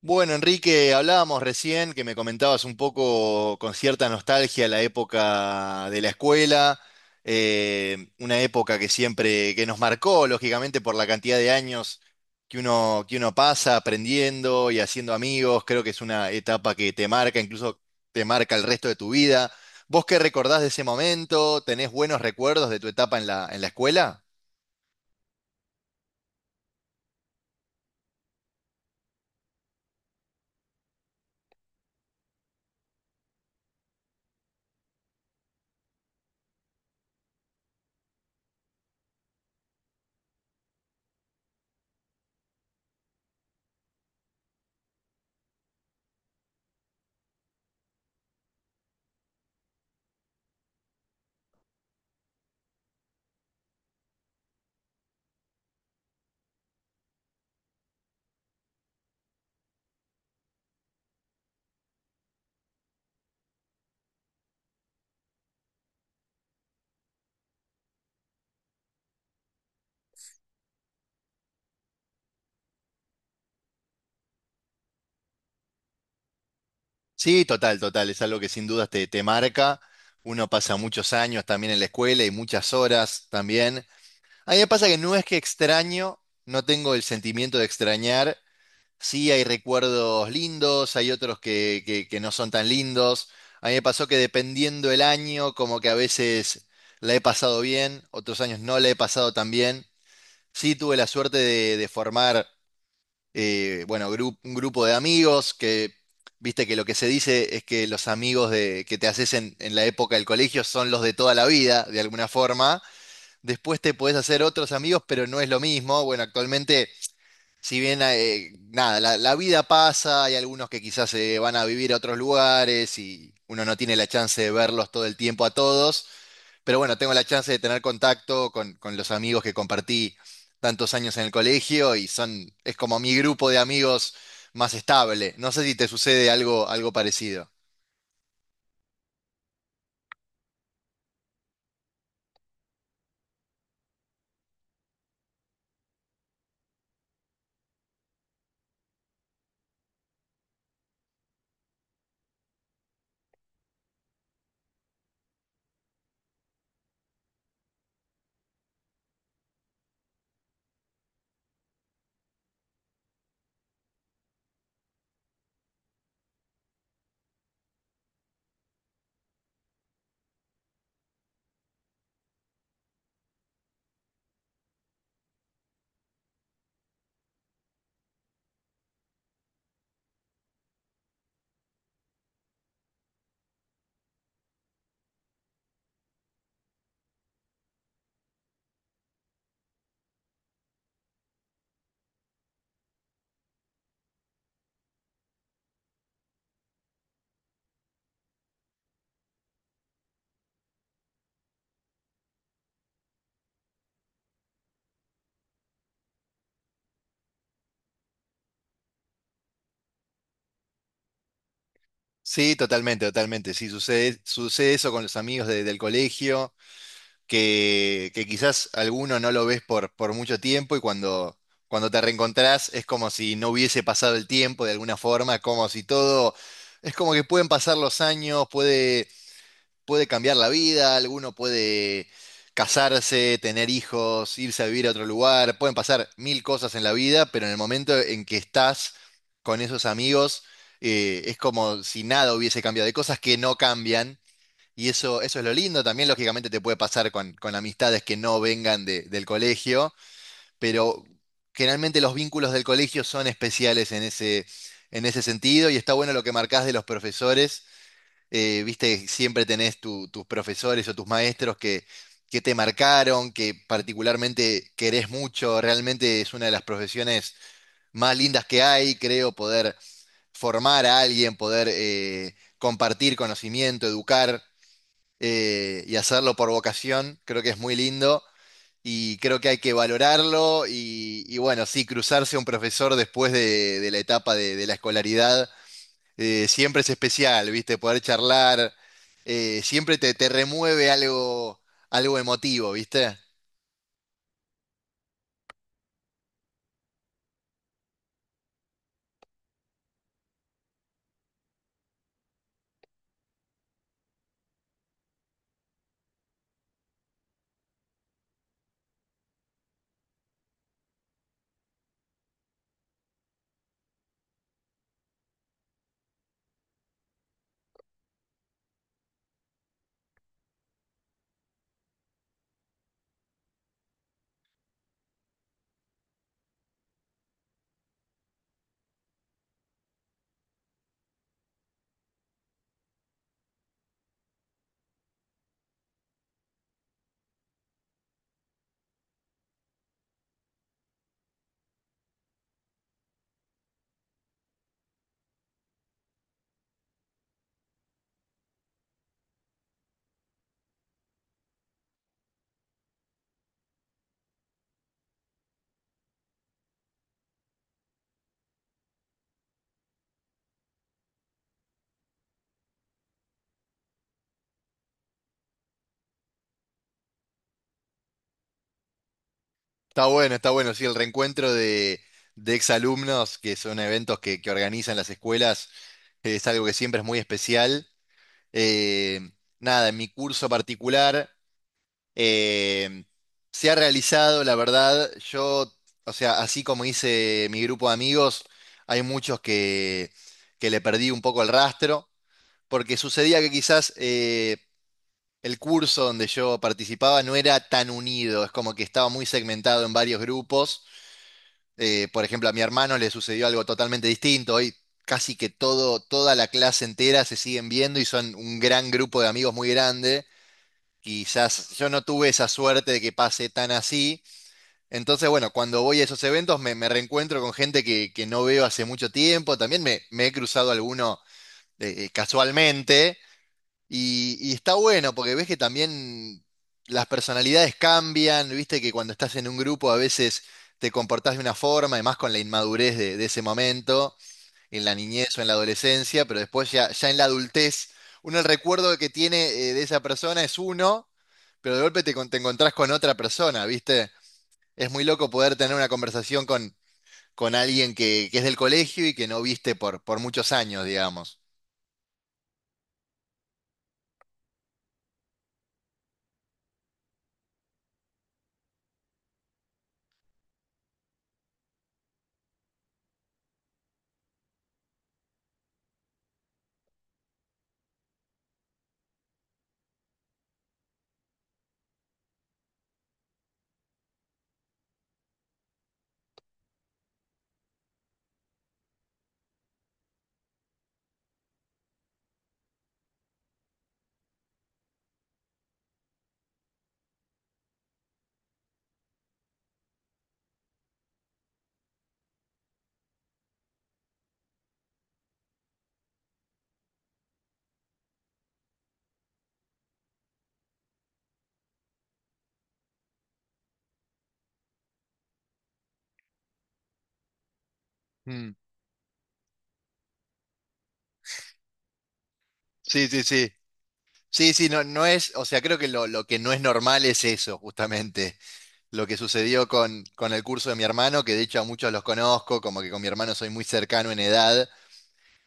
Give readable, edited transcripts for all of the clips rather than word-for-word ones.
Bueno, Enrique, hablábamos recién que me comentabas un poco con cierta nostalgia la época de la escuela, una época que siempre, que nos marcó, lógicamente, por la cantidad de años que uno pasa aprendiendo y haciendo amigos. Creo que es una etapa que te marca, incluso te marca el resto de tu vida. ¿Vos qué recordás de ese momento? ¿Tenés buenos recuerdos de tu etapa en la escuela? Sí, total, total. Es algo que sin dudas te, te marca. Uno pasa muchos años también en la escuela y muchas horas también. A mí me pasa que no es que extraño, no tengo el sentimiento de extrañar. Sí, hay recuerdos lindos, hay otros que no son tan lindos. A mí me pasó que dependiendo el año, como que a veces la he pasado bien, otros años no la he pasado tan bien. Sí, tuve la suerte de formar bueno, un grupo de amigos que, viste que lo que se dice es que los amigos de, que te haces en la época del colegio son los de toda la vida, de alguna forma. Después te podés hacer otros amigos, pero no es lo mismo. Bueno, actualmente, si bien, nada, la vida pasa, hay algunos que quizás se van a vivir a otros lugares y uno no tiene la chance de verlos todo el tiempo a todos. Pero bueno, tengo la chance de tener contacto con los amigos que compartí tantos años en el colegio y son, es como mi grupo de amigos más estable. No sé si te sucede algo, algo parecido. Sí, totalmente, totalmente. Sí, sucede, sucede eso con los amigos del colegio, que quizás alguno no lo ves por mucho tiempo y cuando, cuando te reencontrás es como si no hubiese pasado el tiempo de alguna forma, como si todo, es como que pueden pasar los años, puede cambiar la vida, alguno puede casarse, tener hijos, irse a vivir a otro lugar, pueden pasar mil cosas en la vida, pero en el momento en que estás con esos amigos, es como si nada hubiese cambiado, hay cosas que no cambian. Y eso es lo lindo, también lógicamente te puede pasar con amistades que no vengan del colegio, pero generalmente los vínculos del colegio son especiales en ese sentido y está bueno lo que marcás de los profesores viste, siempre tenés tus profesores o tus maestros que te marcaron, que particularmente querés mucho, realmente es una de las profesiones más lindas que hay, creo, poder formar a alguien, poder compartir conocimiento, educar y hacerlo por vocación, creo que es muy lindo. Y creo que hay que valorarlo y bueno, sí, cruzarse a un profesor después de la etapa de la escolaridad siempre es especial, ¿viste? Poder charlar, siempre te, te remueve algo, algo emotivo, ¿viste? Está bueno, sí, el reencuentro de exalumnos, que son eventos que organizan las escuelas, es algo que siempre es muy especial. Eh, nada, en mi curso particular eh, se ha realizado, la verdad, yo, o sea, así como hice mi grupo de amigos, hay muchos que le perdí un poco el rastro. Porque sucedía que quizás el curso donde yo participaba no era tan unido, es como que estaba muy segmentado en varios grupos. Por ejemplo, a mi hermano le sucedió algo totalmente distinto. Hoy casi que todo, toda la clase entera se siguen viendo y son un gran grupo de amigos muy grande. Quizás yo no tuve esa suerte de que pase tan así. Entonces, bueno, cuando voy a esos eventos me, me reencuentro con gente que no veo hace mucho tiempo. También me he cruzado alguno casualmente. Y está bueno porque ves que también las personalidades cambian, viste que cuando estás en un grupo a veces te comportás de una forma, y más con la inmadurez de ese momento, en la niñez o en la adolescencia, pero después ya en la adultez, uno el recuerdo que tiene de esa persona es uno, pero de golpe te, te encontrás con otra persona, viste. Es muy loco poder tener una conversación con alguien que es del colegio y que no viste por muchos años, digamos. Mm. Sí, sí, sí. Sí, sí, no, no es, o sea, creo que lo que no es normal es eso, justamente, lo que sucedió con el curso de mi hermano, que de hecho a muchos los conozco, como que con mi hermano soy muy cercano en edad,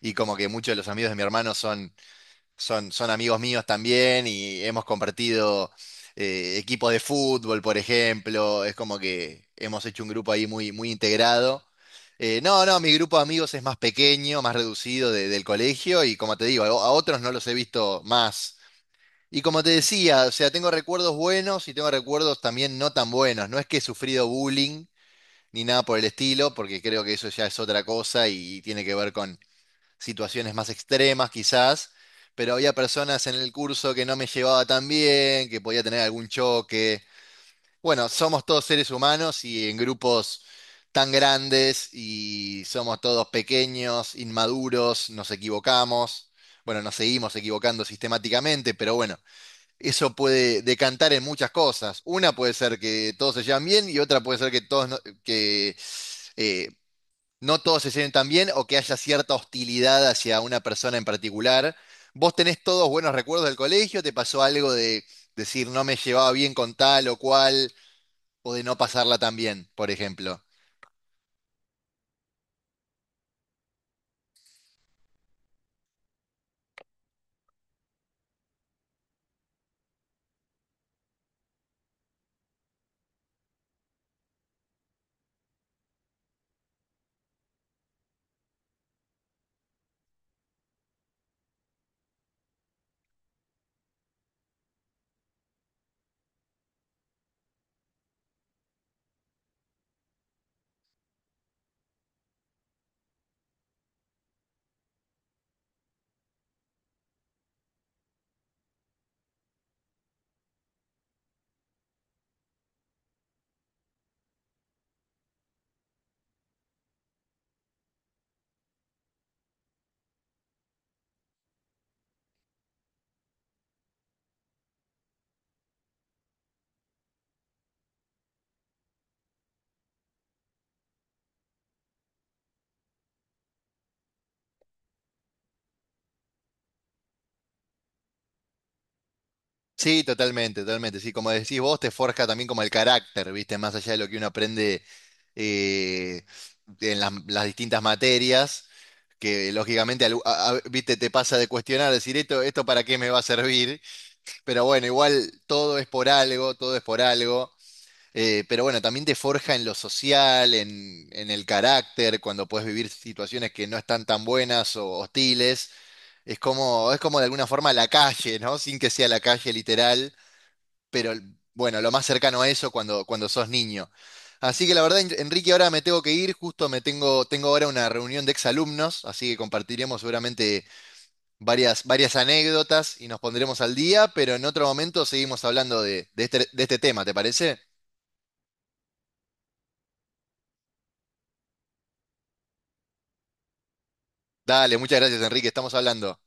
y como que muchos de los amigos de mi hermano son, son, son amigos míos también, y hemos compartido equipos de fútbol, por ejemplo, es como que hemos hecho un grupo ahí muy, muy integrado. No, no, mi grupo de amigos es más pequeño, más reducido del colegio, y como te digo, a otros no los he visto más. Y como te decía, o sea, tengo recuerdos buenos y tengo recuerdos también no tan buenos. No es que he sufrido bullying ni nada por el estilo, porque creo que eso ya es otra cosa y tiene que ver con situaciones más extremas quizás, pero había personas en el curso que no me llevaba tan bien, que podía tener algún choque. Bueno, somos todos seres humanos y en grupos tan grandes y somos todos pequeños, inmaduros, nos equivocamos. Bueno, nos seguimos equivocando sistemáticamente, pero bueno eso puede decantar en muchas cosas. Una puede ser que todos se llevan bien y otra puede ser que todos no, que eh, no todos se lleven tan bien o que haya cierta hostilidad hacia una persona en particular. ¿Vos tenés todos buenos recuerdos del colegio? ¿Te pasó algo de decir no me llevaba bien con tal o cual o de no pasarla tan bien, por ejemplo? Sí, totalmente, totalmente. Sí, como decís vos, te forja también como el carácter, ¿viste? Más allá de lo que uno aprende eh, en las distintas materias que lógicamente, viste, te pasa de cuestionar, decir esto, esto para qué me va a servir, pero bueno, igual todo es por algo, todo es por algo, pero bueno, también te forja en lo social, en el carácter, cuando puedes vivir situaciones que no están tan buenas o hostiles, es como de alguna forma la calle, ¿no? Sin que sea la calle literal pero bueno, lo más cercano a eso cuando, cuando sos niño. Así que la verdad, Enrique, ahora me tengo que ir, justo me tengo, tengo ahora una reunión de exalumnos, así que compartiremos seguramente varias, varias anécdotas y nos pondremos al día, pero en otro momento seguimos hablando de este tema, ¿te parece? Dale, muchas gracias, Enrique, estamos hablando.